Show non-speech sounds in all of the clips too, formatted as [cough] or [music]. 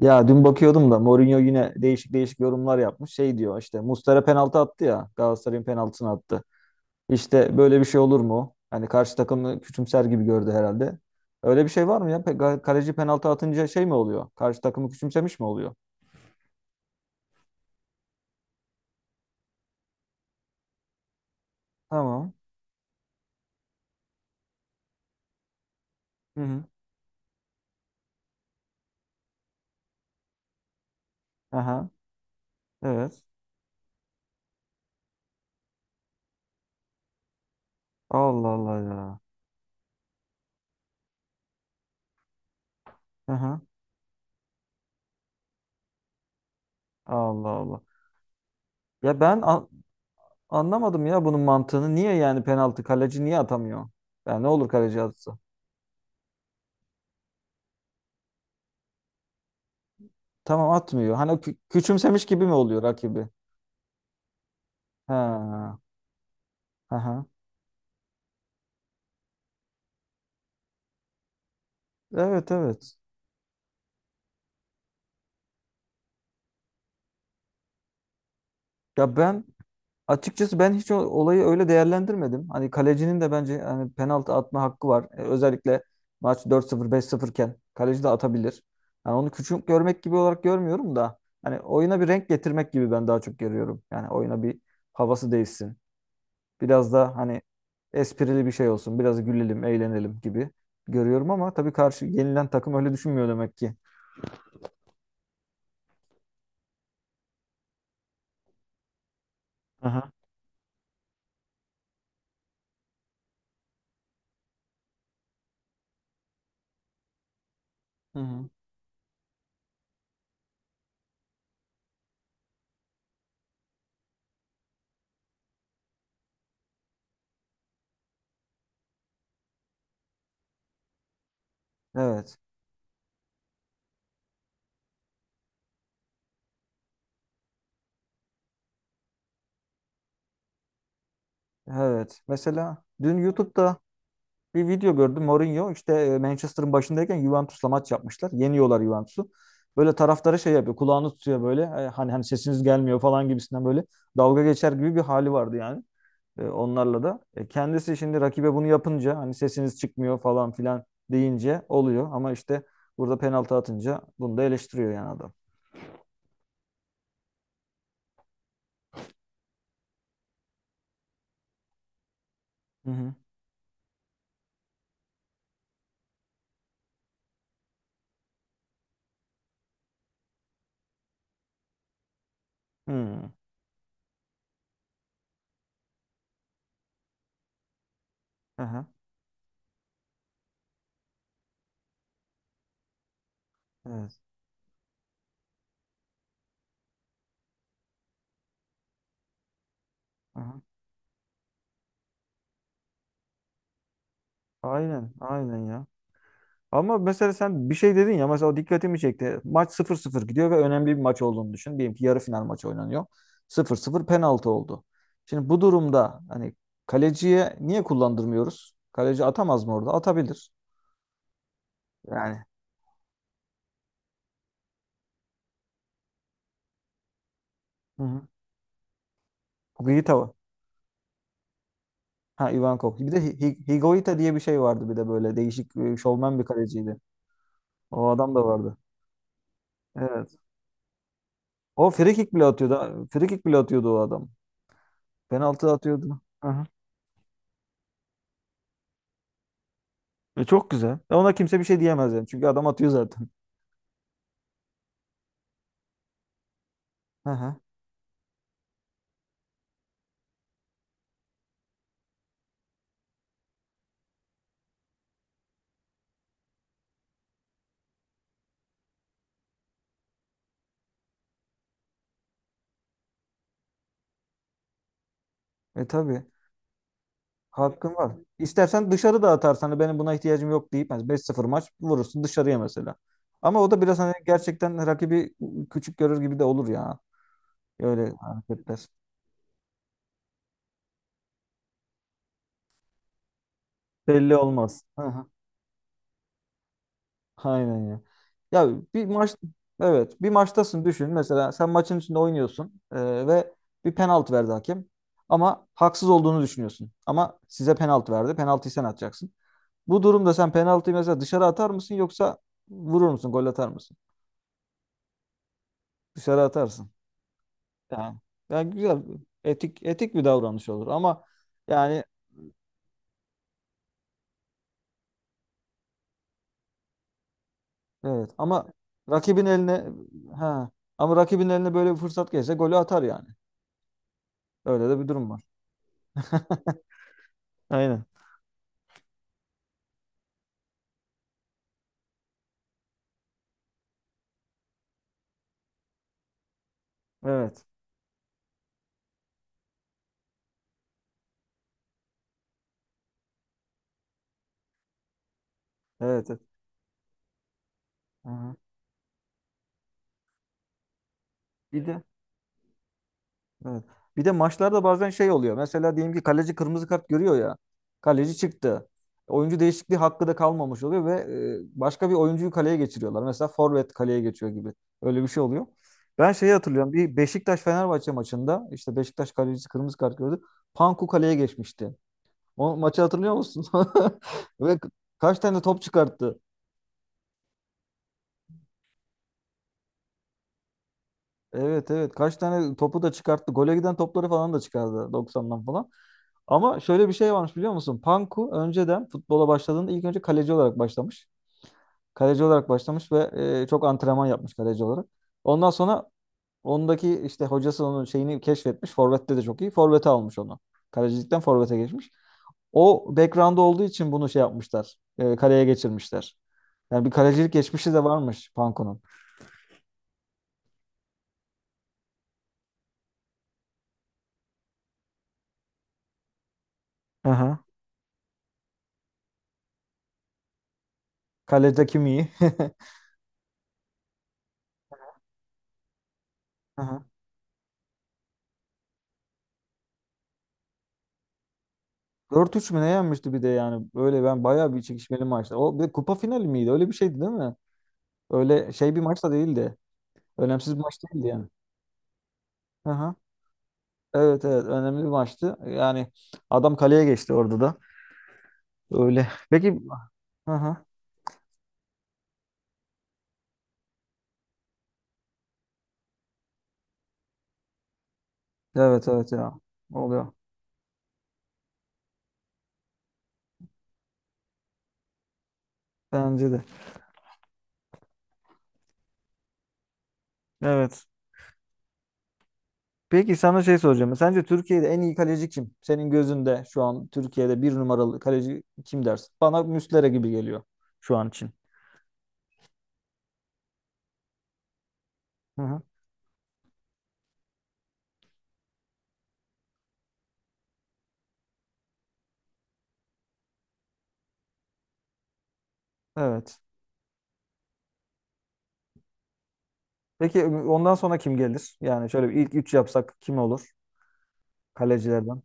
Ya dün bakıyordum da Mourinho yine değişik değişik yorumlar yapmış. Şey diyor işte Muslera penaltı attı ya. Galatasaray'ın penaltısını attı. İşte böyle bir şey olur mu? Hani karşı takımı küçümser gibi gördü herhalde. Öyle bir şey var mı ya? Kaleci penaltı atınca şey mi oluyor? Karşı takımı küçümsemiş mi oluyor? Tamam. Hı hı. Aha. Evet. Allah Allah ya. Aha. Allah Allah. Ya ben an- Anlamadım ya bunun mantığını. Niye yani penaltı kaleci niye atamıyor? Ya ne olur kaleci atsa. Tamam atmıyor. Hani o küçümsemiş gibi mi oluyor rakibi? Ha. Aha. Evet evet. Ya ben açıkçası ben hiç olayı öyle değerlendirmedim. Hani kalecinin de bence hani penaltı atma hakkı var. E, özellikle maç 4-0 5-0 iken kaleci de atabilir. Yani onu küçük görmek gibi olarak görmüyorum da hani oyuna bir renk getirmek gibi ben daha çok görüyorum. Yani oyuna bir havası değişsin. Biraz da hani esprili bir şey olsun. Biraz gülelim, eğlenelim gibi görüyorum ama tabii karşı yenilen takım öyle düşünmüyor demek ki. Aha. Hı hı. Evet. Evet. Mesela dün YouTube'da bir video gördüm. Mourinho işte Manchester'ın başındayken Juventus'la maç yapmışlar. Yeniyorlar Juventus'u. Böyle taraftarı şey yapıyor. Kulağını tutuyor böyle. E, hani sesiniz gelmiyor falan gibisinden böyle dalga geçer gibi bir hali vardı yani. E, onlarla da. E, kendisi şimdi rakibe bunu yapınca hani sesiniz çıkmıyor falan filan deyince oluyor. Ama işte burada penaltı atınca bunu da eleştiriyor yani adam. Hı hı. Hmm. Aha. Evet. Aha. Aynen. Aynen ya. Ama mesela sen bir şey dedin ya mesela o dikkatimi çekti. Maç sıfır sıfır gidiyor ve önemli bir maç olduğunu düşün. Diyelim ki yarı final maçı oynanıyor. Sıfır sıfır penaltı oldu. Şimdi bu durumda hani kaleciye niye kullandırmıyoruz? Kaleci atamaz mı orada? Atabilir. Yani. Hı hı. Higuita var. Ha Ivankov. Bir de Higuita diye bir şey vardı bir de böyle değişik şovmen bir kaleciydi. O adam da vardı. Evet. O free kick bile atıyordu. Free kick bile atıyordu o adam. Penaltı atıyordu. Hı hı. E çok güzel. E, ona kimse bir şey diyemez yani. Çünkü adam atıyor zaten. Hı hı. E tabii. Hakkın var. İstersen dışarı da atarsan hani benim buna ihtiyacım yok deyip hani 5-0 maç vurursun dışarıya mesela. Ama o da biraz hani gerçekten rakibi küçük görür gibi de olur ya. Öyle hareketler. Belli olmaz. Hı hı. Aynen ya. Ya bir maç evet bir maçtasın düşün mesela sen maçın içinde oynuyorsun ve bir penaltı verdi hakem ama haksız olduğunu düşünüyorsun ama size penaltı verdi penaltıyı sen atacaksın. Bu durumda sen penaltıyı mesela dışarı atar mısın yoksa vurur musun, gol atar mısın? Dışarı atarsın. Yani, yani güzel, etik etik bir davranış olur ama yani evet ama rakibin eline ha ama rakibin eline böyle bir fırsat geçse golü atar yani. Öyle de bir durum var. Aynen. Evet. Evet. Evet. Aha. Bir de evet. Bir de maçlarda bazen şey oluyor. Mesela diyelim ki kaleci kırmızı kart görüyor ya. Kaleci çıktı. Oyuncu değişikliği hakkı da kalmamış oluyor ve başka bir oyuncuyu kaleye geçiriyorlar. Mesela forvet kaleye geçiyor gibi. Öyle bir şey oluyor. Ben şeyi hatırlıyorum. Bir Beşiktaş-Fenerbahçe maçında işte Beşiktaş kalecisi kırmızı kart gördü. Panku kaleye geçmişti. O maçı hatırlıyor musun? [laughs] Ve kaç tane top çıkarttı? Evet evet. Kaç tane topu da çıkarttı. Gole giden topları falan da çıkardı 90'dan falan. Ama şöyle bir şey varmış biliyor musun? Panku önceden futbola başladığında ilk önce kaleci olarak başlamış. Kaleci olarak başlamış ve çok antrenman yapmış kaleci olarak. Ondan sonra ondaki işte hocası onun şeyini keşfetmiş. Forvet'te de çok iyi. Forvet'e almış onu. Kalecilikten forvete geçmiş. O background olduğu için bunu şey yapmışlar. E, kaleye geçirmişler. Yani bir kalecilik geçmişi de varmış Panku'nun. Aha. Kalede kim iyi? [laughs] Aha. 4-3 mü ne yenmişti bir de yani. Böyle ben bayağı bir çekişmeli maçtı. O bir de kupa finali miydi? Öyle bir şeydi değil mi? Öyle şey bir maç da değildi. Önemsiz bir maç değildi yani. Aha. Evet evet önemli bir maçtı. Yani adam kaleye geçti orada da. Öyle. Peki aha. Evet evet ya. Oluyor. Bence de. Evet. Peki sana şey soracağım. Sence Türkiye'de en iyi kaleci kim? Senin gözünde şu an Türkiye'de bir numaralı kaleci kim dersin? Bana Muslera gibi geliyor şu an için. Hı hı. Evet. Peki ondan sonra kim gelir? Yani şöyle bir ilk üç yapsak kim olur kalecilerden?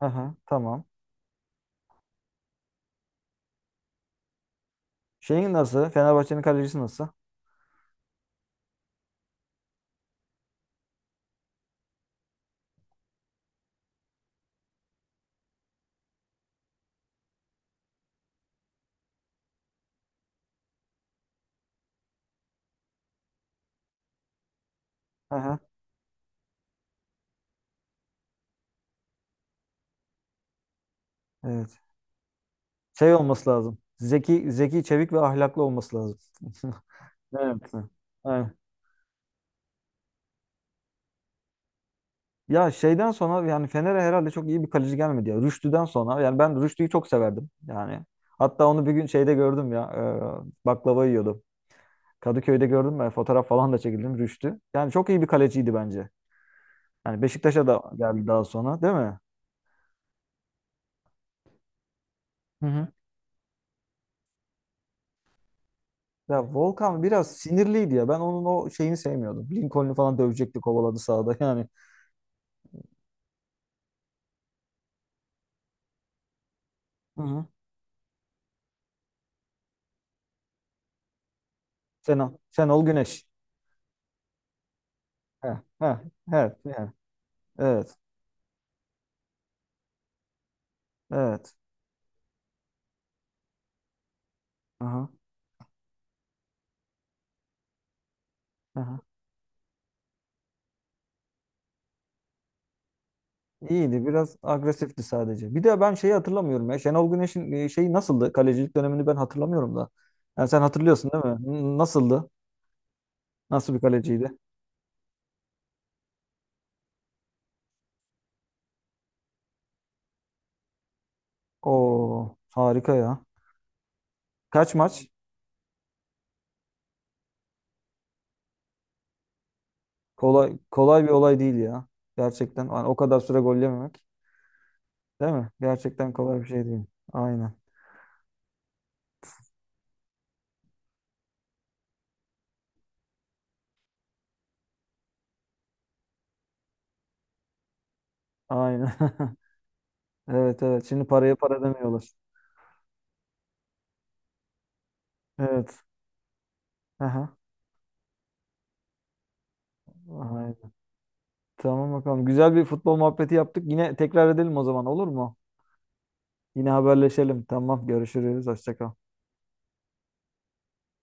Aha, tamam. Şeyin nasıl? Fenerbahçe'nin kalecisi nasıl? Aha, evet. Şey olması lazım. Zeki, zeki, çevik ve ahlaklı olması lazım. [laughs] Evet. Aynen. Ya şeyden sonra yani Fener'e herhalde çok iyi bir kaleci gelmedi ya. Rüştü'den sonra yani ben Rüştü'yü çok severdim yani. Hatta onu bir gün şeyde gördüm ya. Baklava yiyordu. Kadıköy'de gördüm ben fotoğraf falan da çekildim Rüştü. Yani çok iyi bir kaleciydi bence. Yani Beşiktaş'a da geldi daha sonra değil mi? Hı hı. Ya Volkan biraz sinirliydi ya. Ben onun o şeyini sevmiyordum. Lincoln'u falan dövecekti kovaladı sahada [laughs] yani. Hı hı. Şenol, Şenol Güneş. He, he, he, he. Evet, evet. Aha, aha. İyiydi biraz agresifti sadece. Bir de ben şeyi hatırlamıyorum ya. Şenol Güneş'in şeyi nasıldı? Kalecilik dönemini ben hatırlamıyorum da. Yani sen hatırlıyorsun değil mi? Nasıldı? Nasıl bir kaleciydi? O harika ya. Kaç maç? Kolay kolay bir olay değil ya. Gerçekten yani o kadar süre gol yememek, değil mi? Gerçekten kolay bir şey değil. Aynen. Aynen. [laughs] Evet evet. Şimdi paraya para demiyorlar. Evet. Aha. Aynen. Tamam bakalım. Güzel bir futbol muhabbeti yaptık. Yine tekrar edelim o zaman olur mu? Yine haberleşelim. Tamam. Görüşürüz. Hoşça kal.